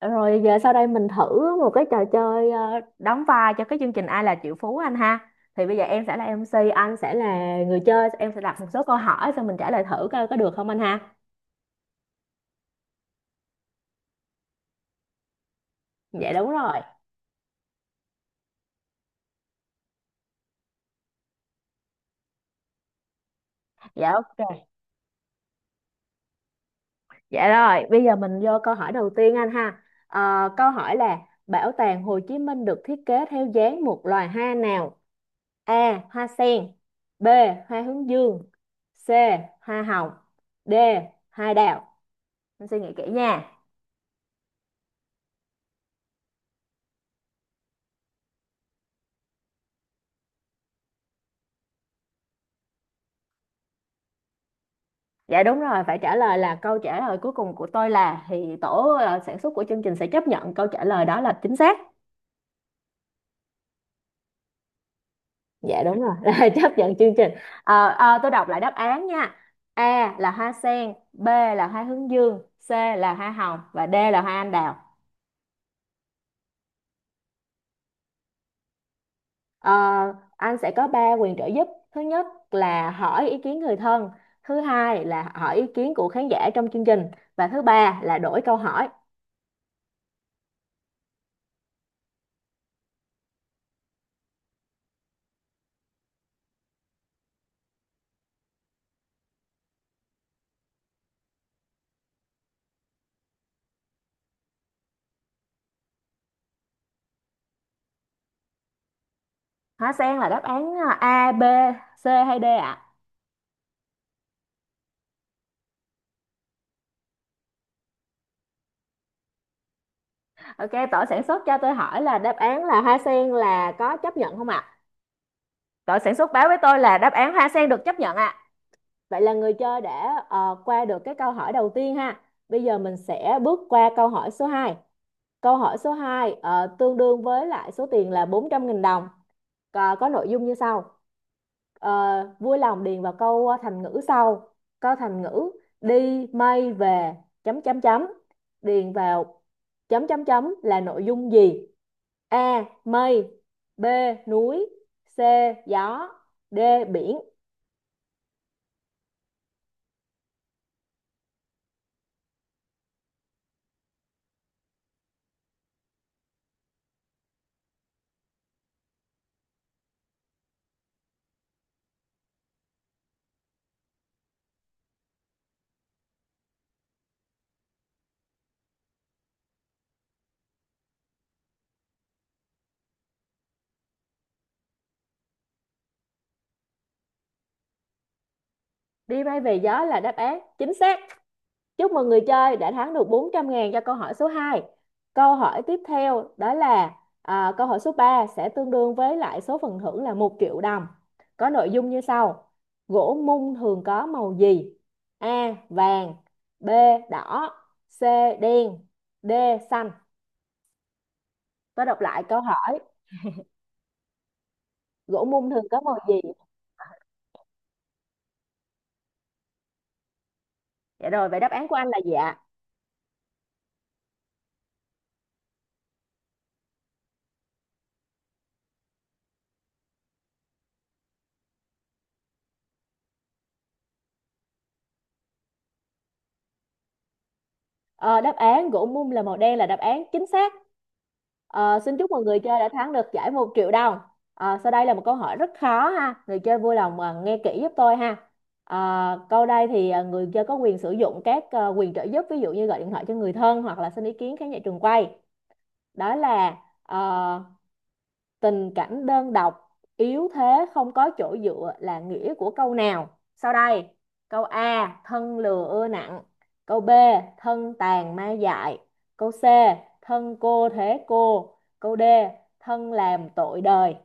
Rồi giờ sau đây mình thử một cái trò chơi đóng vai cho cái chương trình Ai là triệu phú anh ha. Thì bây giờ em sẽ là MC, anh sẽ là người chơi, em sẽ đặt một số câu hỏi xong mình trả lời thử coi có được không anh ha. Dạ đúng rồi. Dạ ok. Dạ rồi, bây giờ mình vô câu hỏi đầu tiên anh ha. Câu hỏi là: Bảo tàng Hồ Chí Minh được thiết kế theo dáng một loài hoa nào? A. Hoa sen. B. Hoa hướng dương. C. Hoa hồng. D. Hoa đào. Em suy nghĩ kỹ nha. Dạ đúng rồi, phải trả lời là câu trả lời cuối cùng của tôi là thì tổ sản xuất của chương trình sẽ chấp nhận câu trả lời đó là chính xác. Dạ đúng rồi, là chấp nhận chương trình. Tôi đọc lại đáp án nha. A là hoa sen, B là hoa hướng dương, C là hoa hồng và D là hoa anh đào. Ờ, anh sẽ có 3 quyền trợ giúp. Thứ nhất là hỏi ý kiến người thân, thứ hai là hỏi ý kiến của khán giả trong chương trình và thứ ba là đổi câu hỏi. Hoa sen là đáp án A, B, C hay D ạ? Ok, tổ sản xuất cho tôi hỏi là đáp án là hoa sen là có chấp nhận không ạ? Tổ sản xuất báo với tôi là đáp án hoa sen được chấp nhận ạ. Vậy là người chơi đã qua được cái câu hỏi đầu tiên ha. Bây giờ mình sẽ bước qua câu hỏi số 2. Câu hỏi số 2 tương đương với lại số tiền là 400.000 đồng, có nội dung như sau. Ờ, Vui lòng điền vào câu thành ngữ sau, câu thành ngữ: đi mây về chấm chấm chấm, điền vào chấm chấm chấm là nội dung gì? A mây, B núi, C gió, D biển. Đi mây về gió là đáp án chính xác. Chúc mừng người chơi đã thắng được 400 ngàn cho câu hỏi số 2. Câu hỏi tiếp theo đó là à, câu hỏi số 3 sẽ tương đương với lại số phần thưởng là một triệu đồng. Có nội dung như sau. Gỗ mung thường có màu gì? A. Vàng. B. Đỏ. C. Đen. D. Xanh. Tôi đọc lại câu hỏi. Gỗ mung thường có màu gì? Dạ rồi, vậy đáp án của anh là gì ạ? Ờ, Đáp án gỗ mum là màu đen là đáp án chính xác. Xin chúc mọi người chơi đã thắng được giải một triệu đồng. Ờ, sau đây là một câu hỏi rất khó ha. Người chơi vui lòng nghe kỹ giúp tôi ha. Câu đây thì người chơi có quyền sử dụng các quyền trợ giúp, ví dụ như gọi điện thoại cho người thân hoặc là xin ý kiến khán giả trường quay. Đó là ờ, tình cảnh đơn độc, yếu thế không có chỗ dựa là nghĩa của câu nào sau đây? Câu A thân lừa ưa nặng, câu B thân tàn ma dại, câu C thân cô thế cô, câu D thân làm tội đời.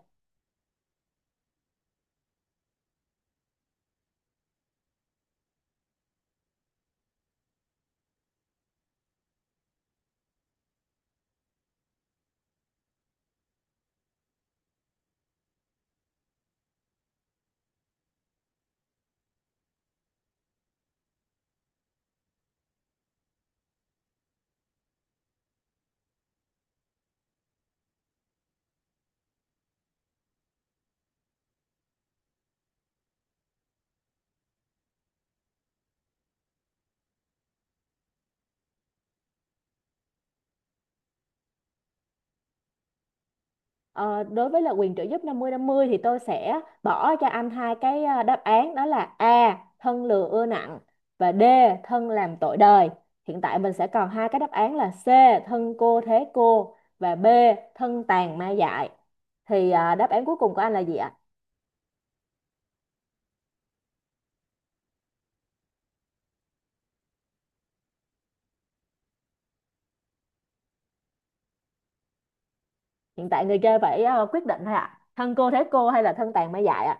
Ờ, Đối với là quyền trợ giúp năm mươi thì tôi sẽ bỏ cho anh hai cái đáp án, đó là A thân lừa ưa nặng và D thân làm tội đời. Hiện tại mình sẽ còn hai cái đáp án là C thân cô thế cô và B thân tàn ma dại. Thì à, đáp án cuối cùng của anh là gì ạ? Hiện tại người chơi phải quyết định thôi ạ. Thân cô thế cô hay là thân tàn ma dại ạ?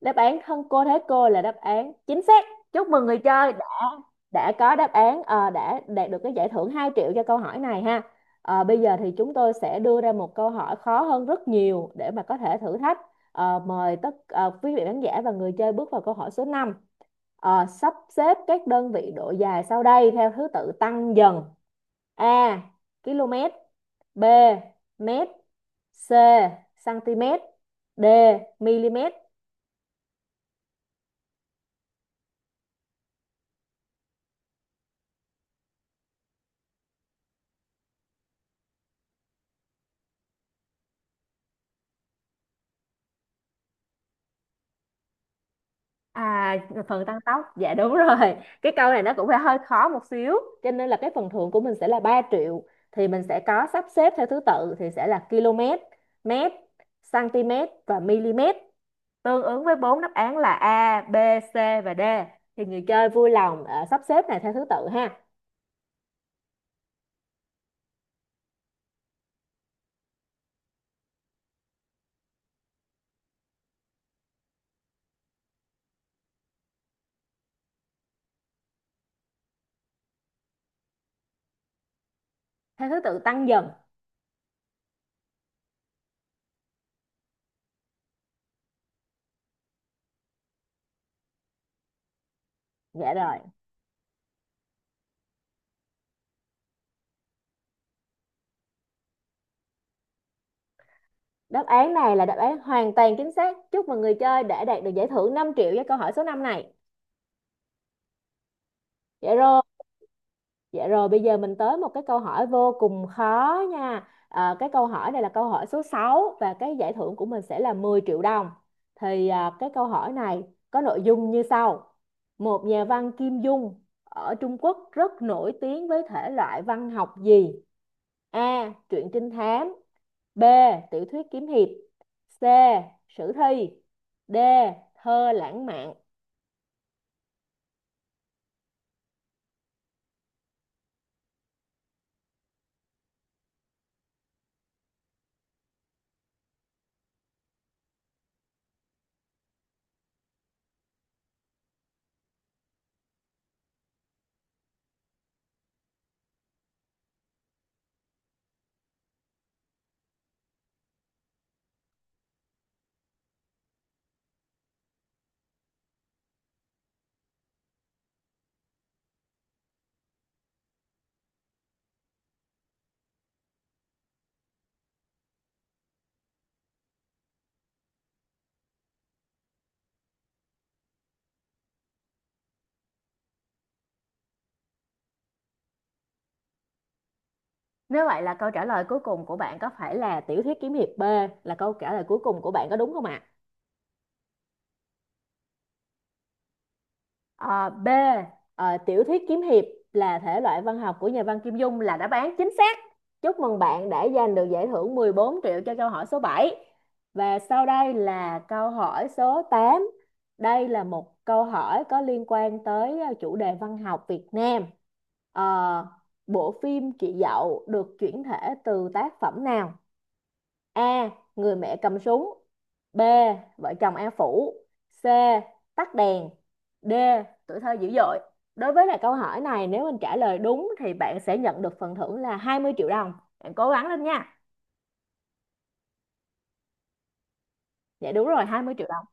Đáp án thân cô thế cô là đáp án chính xác. Chúc mừng người chơi đã có đáp án đã đạt được cái giải thưởng 2 triệu cho câu hỏi này ha. Ờ, bây giờ thì chúng tôi sẽ đưa ra một câu hỏi khó hơn rất nhiều để mà có thể thử thách. Mời quý vị khán giả và người chơi bước vào câu hỏi số 5: sắp xếp các đơn vị độ dài sau đây theo thứ tự tăng dần. A km, B mét, C cm, D mm. À, phần tăng tốc, dạ đúng rồi. Cái câu này nó cũng phải hơi khó một xíu, cho nên là cái phần thưởng của mình sẽ là 3 triệu. Thì mình sẽ có sắp xếp theo thứ tự thì sẽ là km, mét, cm và mm. Tương ứng với bốn đáp án là A, B, C và D. Thì người chơi vui lòng sắp xếp này theo thứ tự ha, theo thứ tự tăng dần. Dạ rồi. Đáp án này là đáp án hoàn toàn chính xác. Chúc mừng người chơi đã đạt được giải thưởng 5 triệu với câu hỏi số 5 này. Dạ rồi. Dạ rồi, bây giờ mình tới một cái câu hỏi vô cùng khó nha. À, cái câu hỏi này là câu hỏi số 6 và cái giải thưởng của mình sẽ là 10 triệu đồng. Thì à, cái câu hỏi này có nội dung như sau. Một nhà văn Kim Dung ở Trung Quốc rất nổi tiếng với thể loại văn học gì? A. Truyện trinh thám. B. Tiểu thuyết kiếm hiệp. C. Sử thi. D. Thơ lãng mạn. Nếu vậy là câu trả lời cuối cùng của bạn có phải là tiểu thuyết kiếm hiệp B là câu trả lời cuối cùng của bạn có đúng không ạ? Ờ, B, tiểu thuyết kiếm hiệp là thể loại văn học của nhà văn Kim Dung là đáp án chính xác. Chúc mừng bạn đã giành được giải thưởng 14 triệu cho câu hỏi số bảy. Và sau đây là câu hỏi số tám. Đây là một câu hỏi có liên quan tới chủ đề văn học Việt Nam. Ờ, Bộ phim Chị Dậu được chuyển thể từ tác phẩm nào? A. Người mẹ cầm súng. B. Vợ chồng A Phủ. C. Tắt đèn. D. Tuổi thơ dữ dội. Đối với lại câu hỏi này nếu mình trả lời đúng thì bạn sẽ nhận được phần thưởng là 20 triệu đồng. Bạn cố gắng lên nha. Dạ đúng rồi, 20 triệu đồng.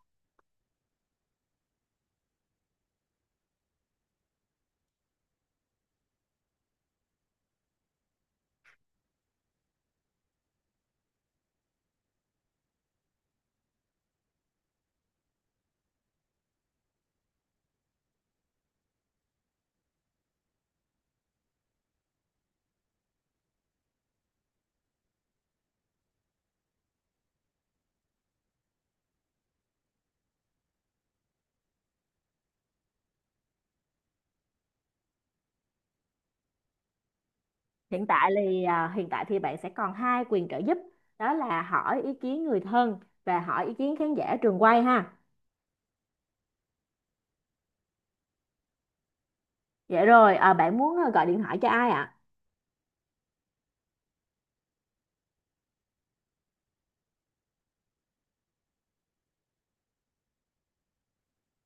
Hiện tại thì bạn sẽ còn hai quyền trợ giúp. Đó là hỏi ý kiến người thân và hỏi ý kiến khán giả trường quay ha. Dạ rồi, bạn muốn gọi điện thoại cho ai ạ?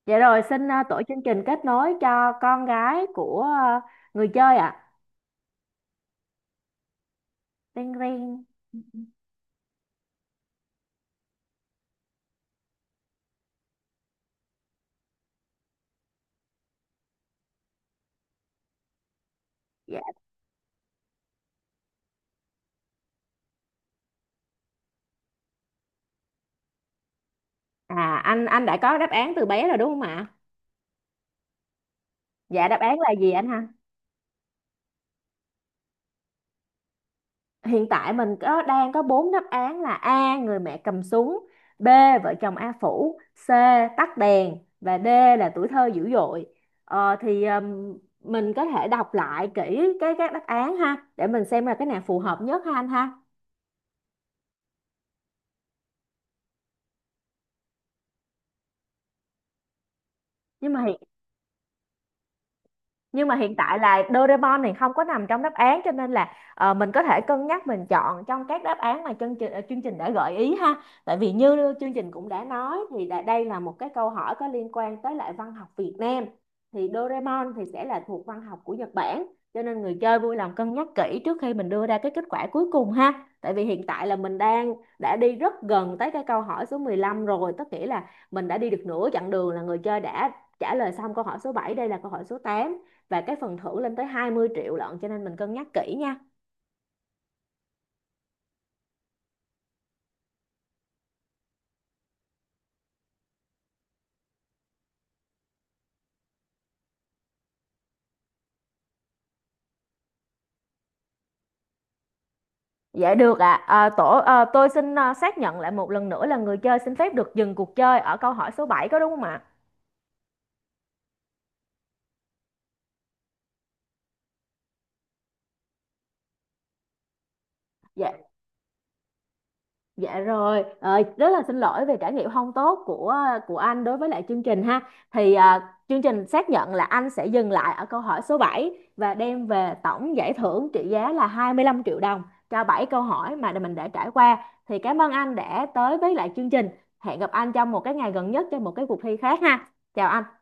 Dạ rồi, xin tổ chương trình kết nối cho con gái của người chơi ạ. Ring ring. Dạ. À, anh đã có đáp án từ bé rồi đúng không ạ? Dạ đáp án là gì anh ha? Hiện tại mình đang có bốn đáp án là A người mẹ cầm súng, B vợ chồng A phủ, C tắt đèn và D là tuổi thơ dữ dội. Ờ, thì Mình có thể đọc lại kỹ cái các đáp án ha để mình xem là cái nào phù hợp nhất ha anh ha. Nhưng mà hiện nhưng mà hiện tại là Doraemon thì không có nằm trong đáp án, cho nên là mình có thể cân nhắc mình chọn trong các đáp án mà chương trình đã gợi ý ha. Tại vì như chương trình cũng đã nói thì đây là một cái câu hỏi có liên quan tới lại văn học Việt Nam, thì Doraemon thì sẽ là thuộc văn học của Nhật Bản, cho nên người chơi vui lòng cân nhắc kỹ trước khi mình đưa ra cái kết quả cuối cùng ha. Tại vì hiện tại là mình đã đi rất gần tới cái câu hỏi số 15 rồi, tức nghĩa là mình đã đi được nửa chặng đường, là người chơi đã trả lời xong câu hỏi số bảy, đây là câu hỏi số tám, và cái phần thưởng lên tới 20 triệu lận, cho nên mình cân nhắc kỹ nha. Dạ được ạ. À. Tôi xin xác nhận lại một lần nữa là người chơi xin phép được dừng cuộc chơi ở câu hỏi số 7 có đúng không ạ? Dạ. Dạ rồi, rất là xin lỗi về trải nghiệm không tốt của anh đối với lại chương trình ha. Thì à, Chương trình xác nhận là anh sẽ dừng lại ở câu hỏi số 7 và đem về tổng giải thưởng trị giá là 25 triệu đồng cho 7 câu hỏi mà mình đã trải qua. Thì cảm ơn anh đã tới với lại chương trình. Hẹn gặp anh trong một cái ngày gần nhất cho một cái cuộc thi khác ha. Chào anh.